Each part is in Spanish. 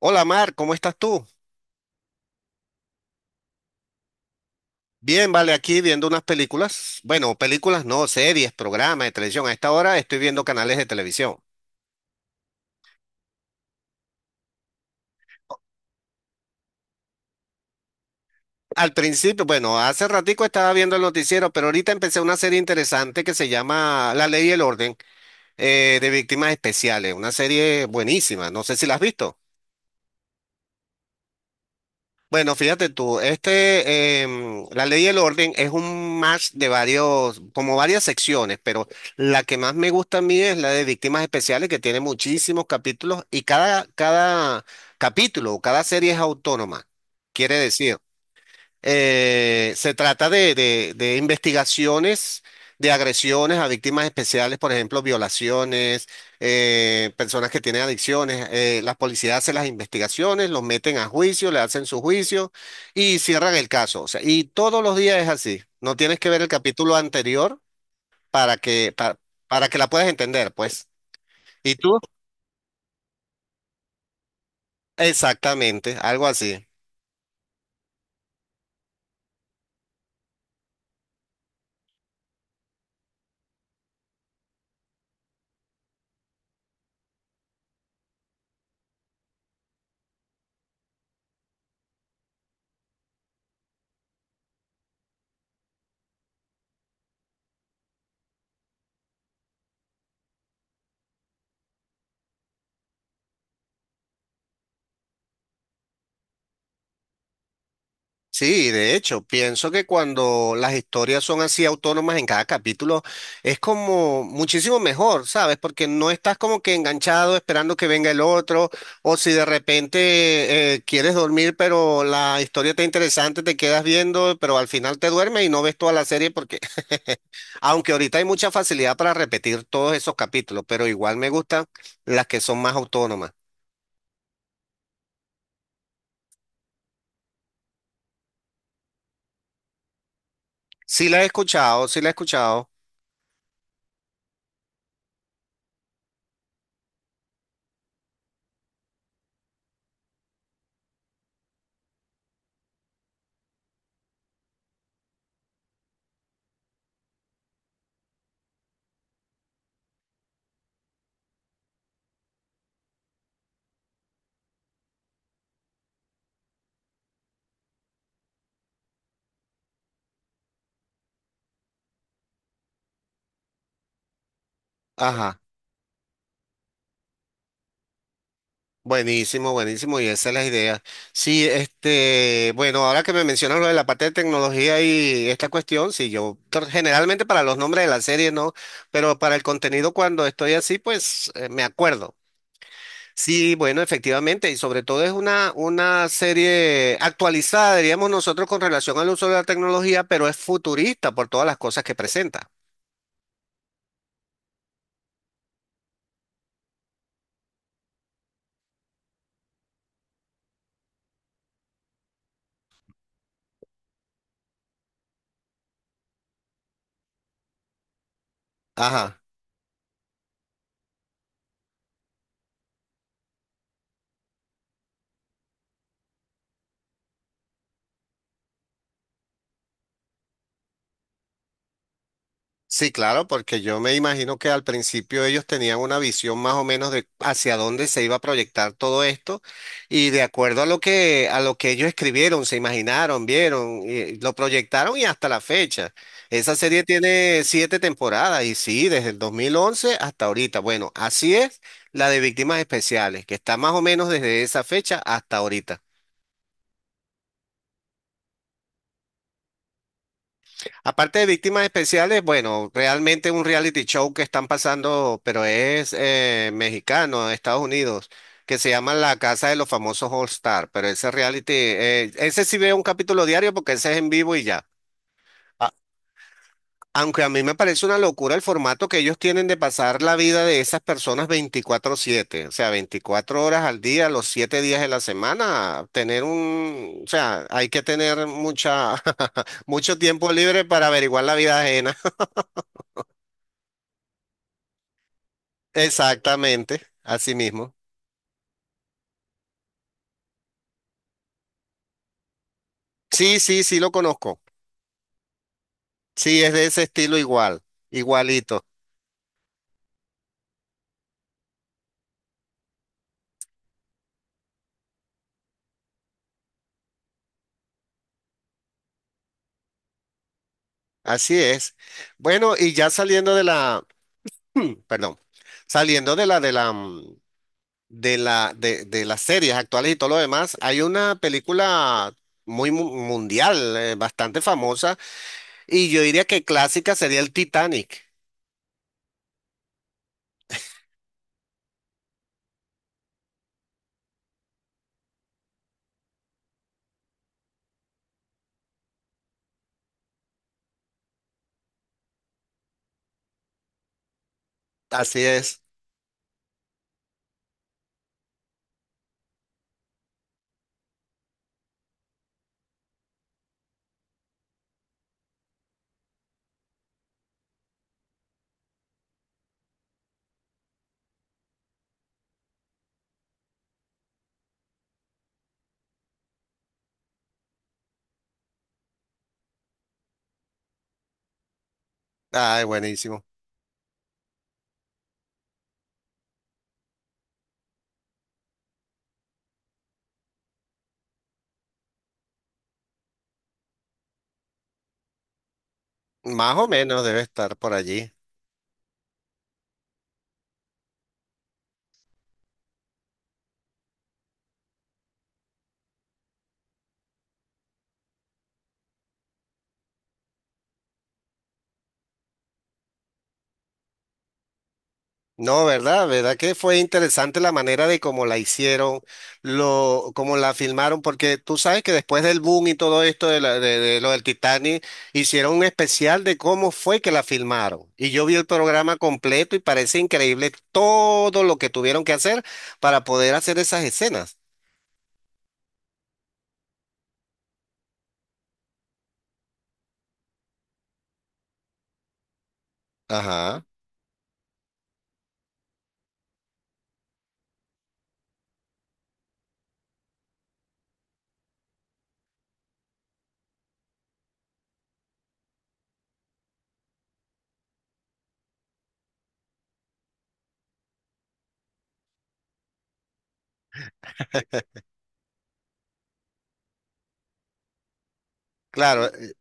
Hola Mar, ¿cómo estás tú? Bien, vale, aquí viendo unas películas. Bueno, películas no, series, programas de televisión. A esta hora estoy viendo canales de televisión. Al principio, bueno, hace ratico estaba viendo el noticiero, pero ahorita empecé una serie interesante que se llama La Ley y el Orden de Víctimas Especiales. Una serie buenísima, no sé si la has visto. Bueno, fíjate tú, este, la ley y el orden es un match de varios, como varias secciones, pero la que más me gusta a mí es la de víctimas especiales, que tiene muchísimos capítulos y cada capítulo o cada serie es autónoma. Quiere decir, se trata de, de investigaciones de agresiones a víctimas especiales, por ejemplo, violaciones, personas que tienen adicciones. Las policías hacen las investigaciones, los meten a juicio, le hacen su juicio y cierran el caso. O sea, y todos los días es así. No tienes que ver el capítulo anterior para que, para que la puedas entender, pues. ¿Y tú? Exactamente, algo así. Sí, de hecho, pienso que cuando las historias son así autónomas en cada capítulo, es como muchísimo mejor, ¿sabes? Porque no estás como que enganchado esperando que venga el otro, o si de repente quieres dormir, pero la historia está interesante, te quedas viendo, pero al final te duermes y no ves toda la serie porque, aunque ahorita hay mucha facilidad para repetir todos esos capítulos, pero igual me gustan las que son más autónomas. Sí la he escuchado, sí la he escuchado. Ajá. Buenísimo, buenísimo, y esa es la idea. Sí, este, bueno, ahora que me mencionas lo de la parte de tecnología y esta cuestión, sí, generalmente para los nombres de las series no, pero para el contenido cuando estoy así, pues me acuerdo. Sí, bueno, efectivamente, y sobre todo es una serie actualizada, diríamos nosotros, con relación al uso de la tecnología, pero es futurista por todas las cosas que presenta. Ajá. Sí, claro, porque yo me imagino que al principio ellos tenían una visión más o menos de hacia dónde se iba a proyectar todo esto y de acuerdo a lo que ellos escribieron, se imaginaron, vieron, y lo proyectaron y hasta la fecha. Esa serie tiene 7 temporadas y sí, desde el 2011 hasta ahorita. Bueno, así es la de Víctimas Especiales, que está más o menos desde esa fecha hasta ahorita. Aparte de víctimas especiales, bueno, realmente un reality show que están pasando, pero es mexicano, de Estados Unidos, que se llama La Casa de los Famosos All Star. Pero ese reality, ese sí veo un capítulo diario porque ese es en vivo y ya. A- Aunque a mí me parece una locura el formato que ellos tienen de pasar la vida de esas personas 24/7, o sea, 24 horas al día, los 7 días de la semana, tener un, o sea, hay que tener mucha, mucho tiempo libre para averiguar la vida ajena. Exactamente, así mismo. Sí, sí, sí lo conozco. Sí, es de ese estilo igual, igualito. Así es. Bueno, y ya saliendo de la, perdón, saliendo de de la de las series actuales y todo lo demás, hay una película mundial, bastante famosa, y yo diría que clásica sería el Titanic. Así es. Ay, buenísimo. Más o menos debe estar por allí. No, ¿verdad? ¿Verdad que fue interesante la manera de cómo la hicieron, lo, cómo la filmaron? Porque tú sabes que después del boom y todo esto de, de lo del Titanic, hicieron un especial de cómo fue que la filmaron. Y yo vi el programa completo y parece increíble todo lo que tuvieron que hacer para poder hacer esas escenas. Ajá. Claro,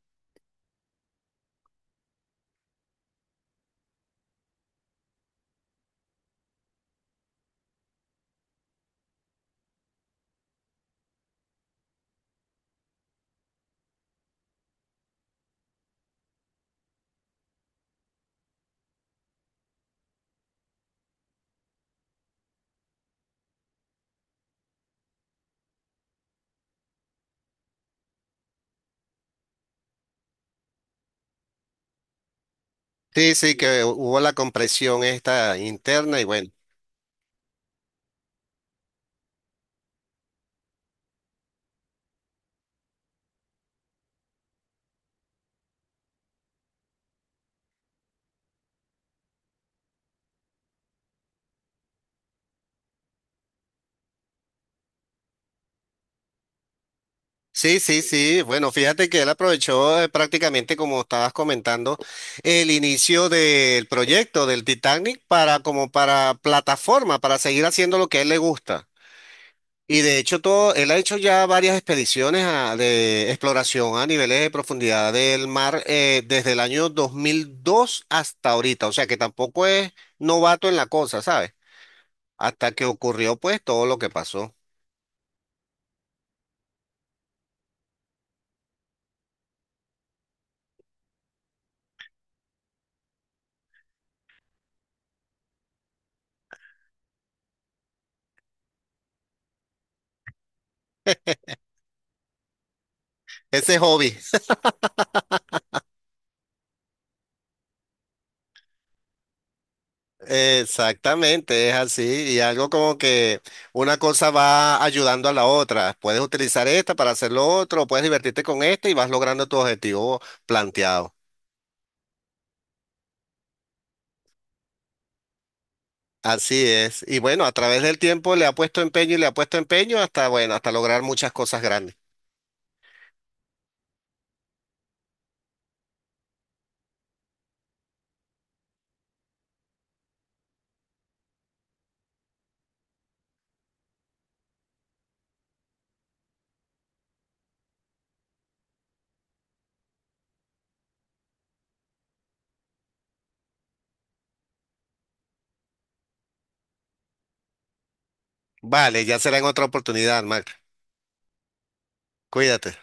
sí, sí, que hubo la compresión esta interna y bueno. Sí, sí, sí. Bueno, fíjate que él aprovechó prácticamente, como estabas comentando, el inicio del proyecto del Titanic para como para plataforma, para seguir haciendo lo que a él le gusta. Y de hecho todo, él ha hecho ya varias expediciones de exploración a niveles de profundidad del mar desde el año 2002 hasta ahorita. O sea que tampoco es novato en la cosa, ¿sabes? Hasta que ocurrió pues todo lo que pasó. Ese hobby. Exactamente, es así. Y algo como que una cosa va ayudando a la otra. Puedes utilizar esta para hacer lo otro, puedes divertirte con esta y vas logrando tu objetivo planteado. Así es. Y bueno, a través del tiempo le ha puesto empeño y le ha puesto empeño hasta, bueno, hasta lograr muchas cosas grandes. Vale, ya será en otra oportunidad, Mac. Cuídate.